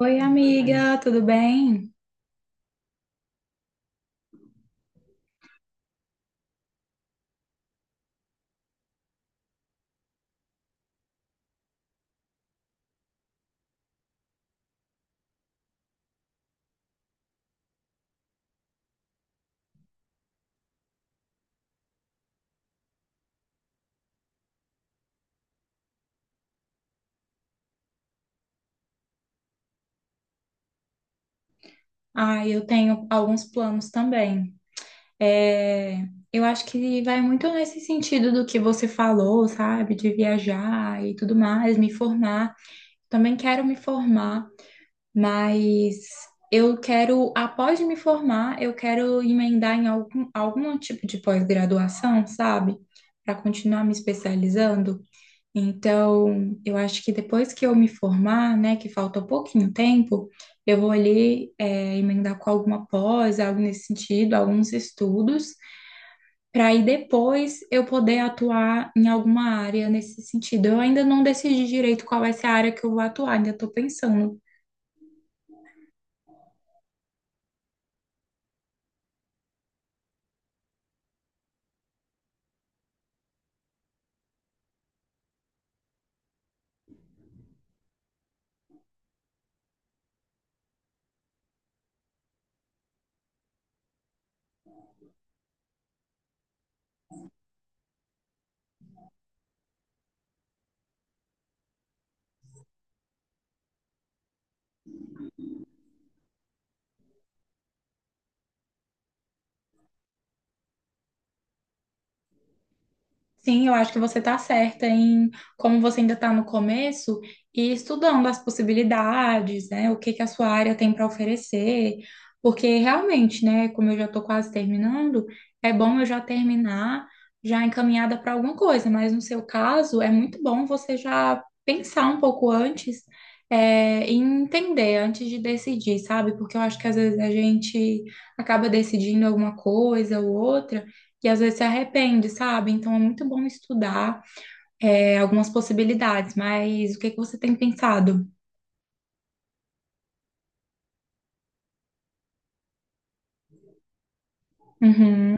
Oi, amiga, tudo bem? Ah, eu tenho alguns planos também. É, eu acho que vai muito nesse sentido do que você falou, sabe? De viajar e tudo mais, me formar. Também quero me formar, mas eu quero, após me formar, eu quero emendar em algum tipo de pós-graduação, sabe? Para continuar me especializando. Então, eu acho que depois que eu me formar, né, que falta pouquinho tempo, eu vou ali emendar com alguma pós, algo nesse sentido, alguns estudos, para aí depois eu poder atuar em alguma área nesse sentido. Eu ainda não decidi direito qual vai ser a área que eu vou atuar, ainda estou pensando. Sim, eu acho que você está certa em como você ainda está no começo e estudando as possibilidades, né? O que que a sua área tem para oferecer, porque realmente, né? Como eu já estou quase terminando, é bom eu já terminar já encaminhada para alguma coisa, mas no seu caso é muito bom você já pensar um pouco antes, e entender antes de decidir, sabe? Porque eu acho que às vezes a gente acaba decidindo alguma coisa ou outra e às vezes se arrepende, sabe? Então é muito bom estudar algumas possibilidades, mas o que que você tem pensado? Uhum,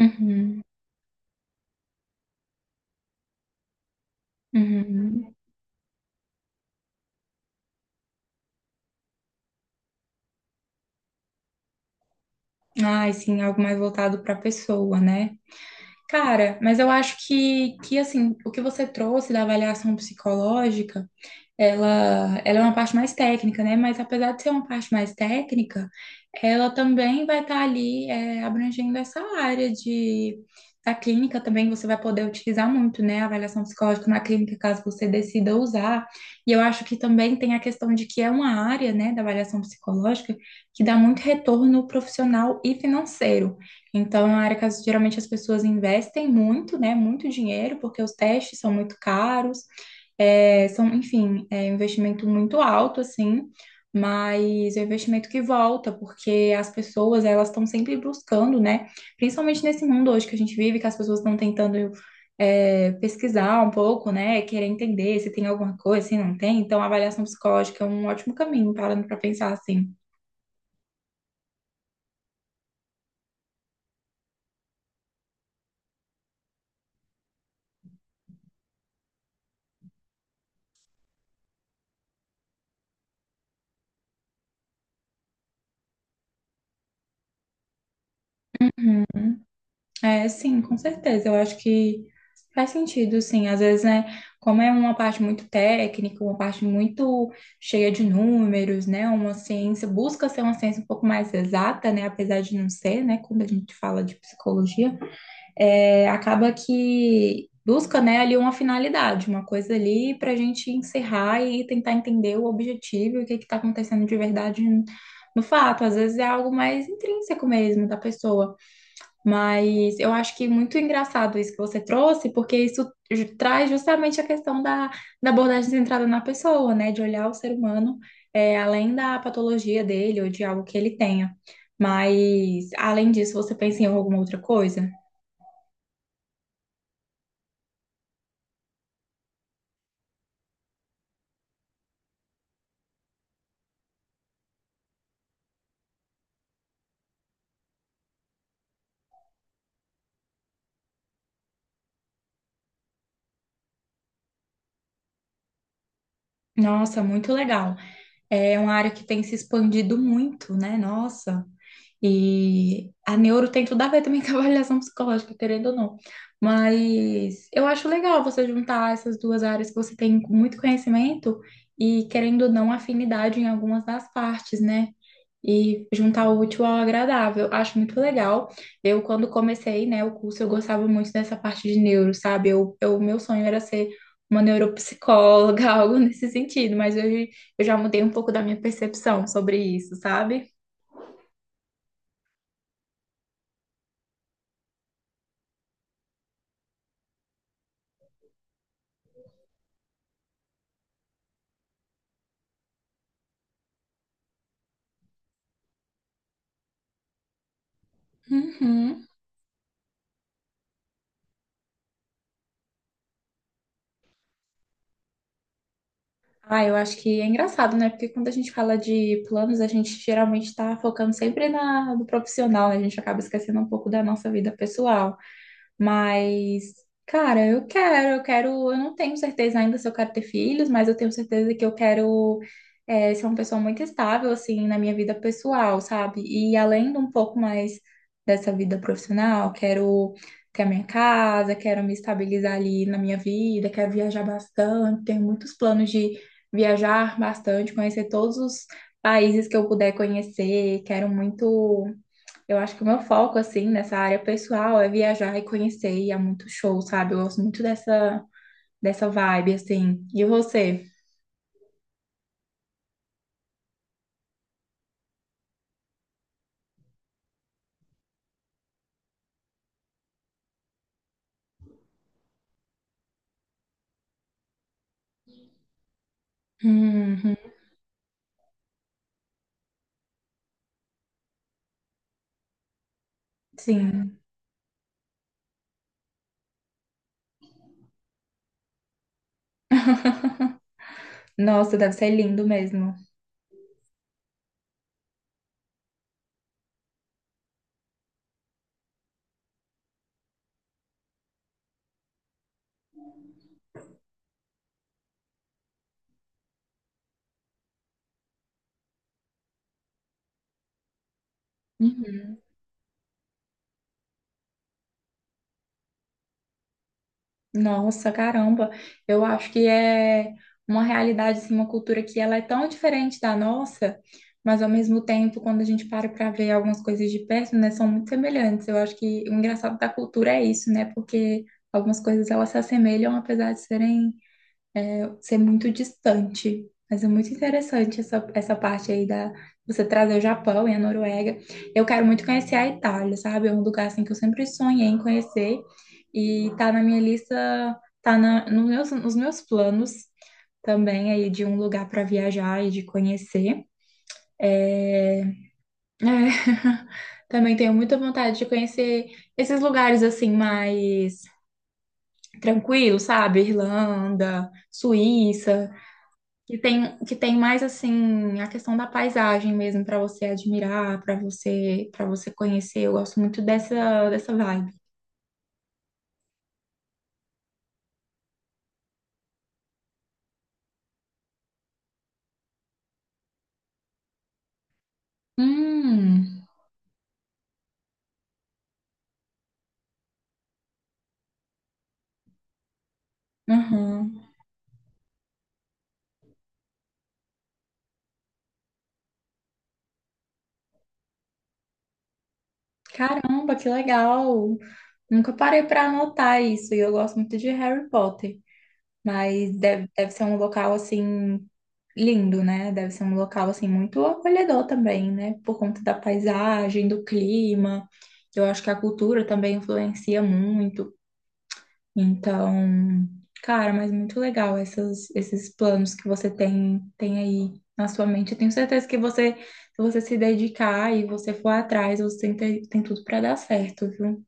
uhum, uhum. Ai, sim, algo mais voltado para a pessoa, né? Cara, mas eu acho que assim, o que você trouxe da avaliação psicológica. Ela é uma parte mais técnica, né? Mas apesar de ser uma parte mais técnica, ela também vai estar ali abrangendo essa área de da clínica também você vai poder utilizar muito, né? A avaliação psicológica na clínica, caso você decida usar. E eu acho que também tem a questão de que é uma área, né, da avaliação psicológica que dá muito retorno profissional e financeiro. Então, é uma área que geralmente as pessoas investem muito, né? Muito dinheiro, porque os testes são muito caros. É, são, enfim, é um investimento muito alto, assim, mas é um investimento que volta, porque as pessoas, elas estão sempre buscando, né? Principalmente nesse mundo hoje que a gente vive, que as pessoas estão tentando, pesquisar um pouco, né? Querer entender se tem alguma coisa, se não tem. Então, a avaliação psicológica é um ótimo caminho, parando para pensar assim. É, sim, com certeza. Eu acho que faz sentido, sim. Às vezes, né, como é uma parte muito técnica, uma parte muito cheia de números, né, uma ciência, busca ser uma ciência um pouco mais exata, né, apesar de não ser, né, quando a gente fala de psicologia, acaba que busca, né, ali uma finalidade, uma coisa ali para a gente encerrar e tentar entender o objetivo e o que que está acontecendo de verdade no fato. Às vezes é algo mais intrínseco mesmo da pessoa. Mas eu acho que muito engraçado isso que você trouxe, porque isso traz justamente a questão da abordagem centrada na pessoa, né? De olhar o ser humano além da patologia dele ou de algo que ele tenha. Mas, além disso, você pensa em alguma outra coisa? Nossa, muito legal. É uma área que tem se expandido muito, né? Nossa. E a neuro tem tudo a ver também com a avaliação psicológica, querendo ou não. Mas eu acho legal você juntar essas duas áreas que você tem muito conhecimento e, querendo ou não, afinidade em algumas das partes, né? E juntar o útil ao agradável. Acho muito legal. Eu, quando comecei, né, o curso, eu gostava muito dessa parte de neuro, sabe? Meu sonho era ser uma neuropsicóloga, algo nesse sentido, mas hoje eu já mudei um pouco da minha percepção sobre isso, sabe? Uhum. Ah, eu acho que é engraçado, né? Porque quando a gente fala de planos, a gente geralmente está focando sempre no profissional, né? A gente acaba esquecendo um pouco da nossa vida pessoal. Mas, cara, eu quero, eu não tenho certeza ainda se eu quero ter filhos, mas eu tenho certeza que eu quero ser uma pessoa muito estável, assim, na minha vida pessoal, sabe? E além de um pouco mais dessa vida profissional, quero ter a minha casa, quero me estabilizar ali na minha vida, quero viajar bastante, tenho muitos planos de viajar bastante, conhecer todos os países que eu puder conhecer, quero muito. Eu acho que o meu foco, assim, nessa área pessoal é viajar e conhecer, e é muito show, sabe? Eu gosto muito dessa vibe, assim. E você? Uhum, sim. Nossa, deve ser lindo mesmo. Uhum. Nossa, caramba, eu acho que é uma realidade, assim, uma cultura que ela é tão diferente da nossa, mas ao mesmo tempo, quando a gente para para ver algumas coisas de perto, né, são muito semelhantes. Eu acho que o engraçado da cultura é isso, né, porque algumas coisas elas se assemelham apesar de ser muito distante. Mas é muito interessante essa parte aí da você trazer o Japão e a Noruega. Eu quero muito conhecer a Itália, sabe? É um lugar assim que eu sempre sonhei em conhecer e tá na minha lista, tá na, no meus, nos meus planos também aí de um lugar para viajar e de conhecer. É, é, também tenho muita vontade de conhecer esses lugares assim mais tranquilos, sabe? Irlanda, Suíça. Que tem mais assim a questão da paisagem mesmo para você admirar, para você conhecer. Eu gosto muito dessa vibe. Hum, aham. Caramba, que legal. Nunca parei para anotar isso e eu gosto muito de Harry Potter, mas deve ser um local assim lindo, né? Deve ser um local assim muito acolhedor também, né? Por conta da paisagem, do clima. Eu acho que a cultura também influencia muito. Então, cara, mas muito legal esses planos que você tem, tem aí na sua mente. Eu tenho certeza que você se dedicar e você for atrás, você tem, tem tudo para dar certo, viu?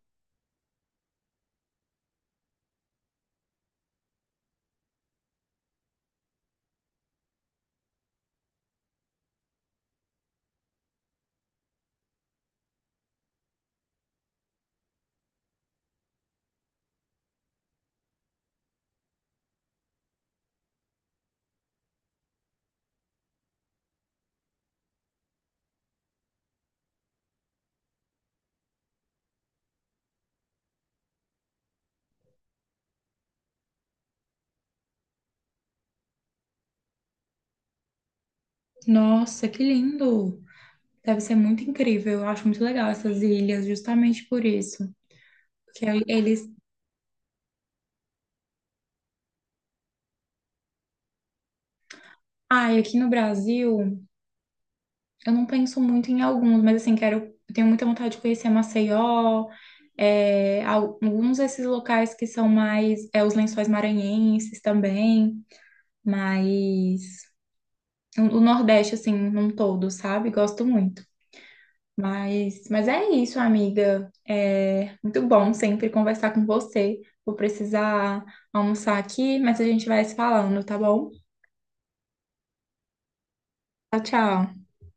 Nossa, que lindo! Deve ser muito incrível. Eu acho muito legal essas ilhas, justamente por isso. que eles. Ah, e aqui no Brasil. Eu não penso muito em alguns, mas assim, quero, eu tenho muita vontade de conhecer Maceió, alguns desses locais que são mais, é, os Lençóis Maranhenses também, mas o Nordeste, assim, num todo, sabe? Gosto muito. Mas é isso, amiga. É muito bom sempre conversar com você. Vou precisar almoçar aqui, mas a gente vai se falando, tá bom? Tchau, tchau.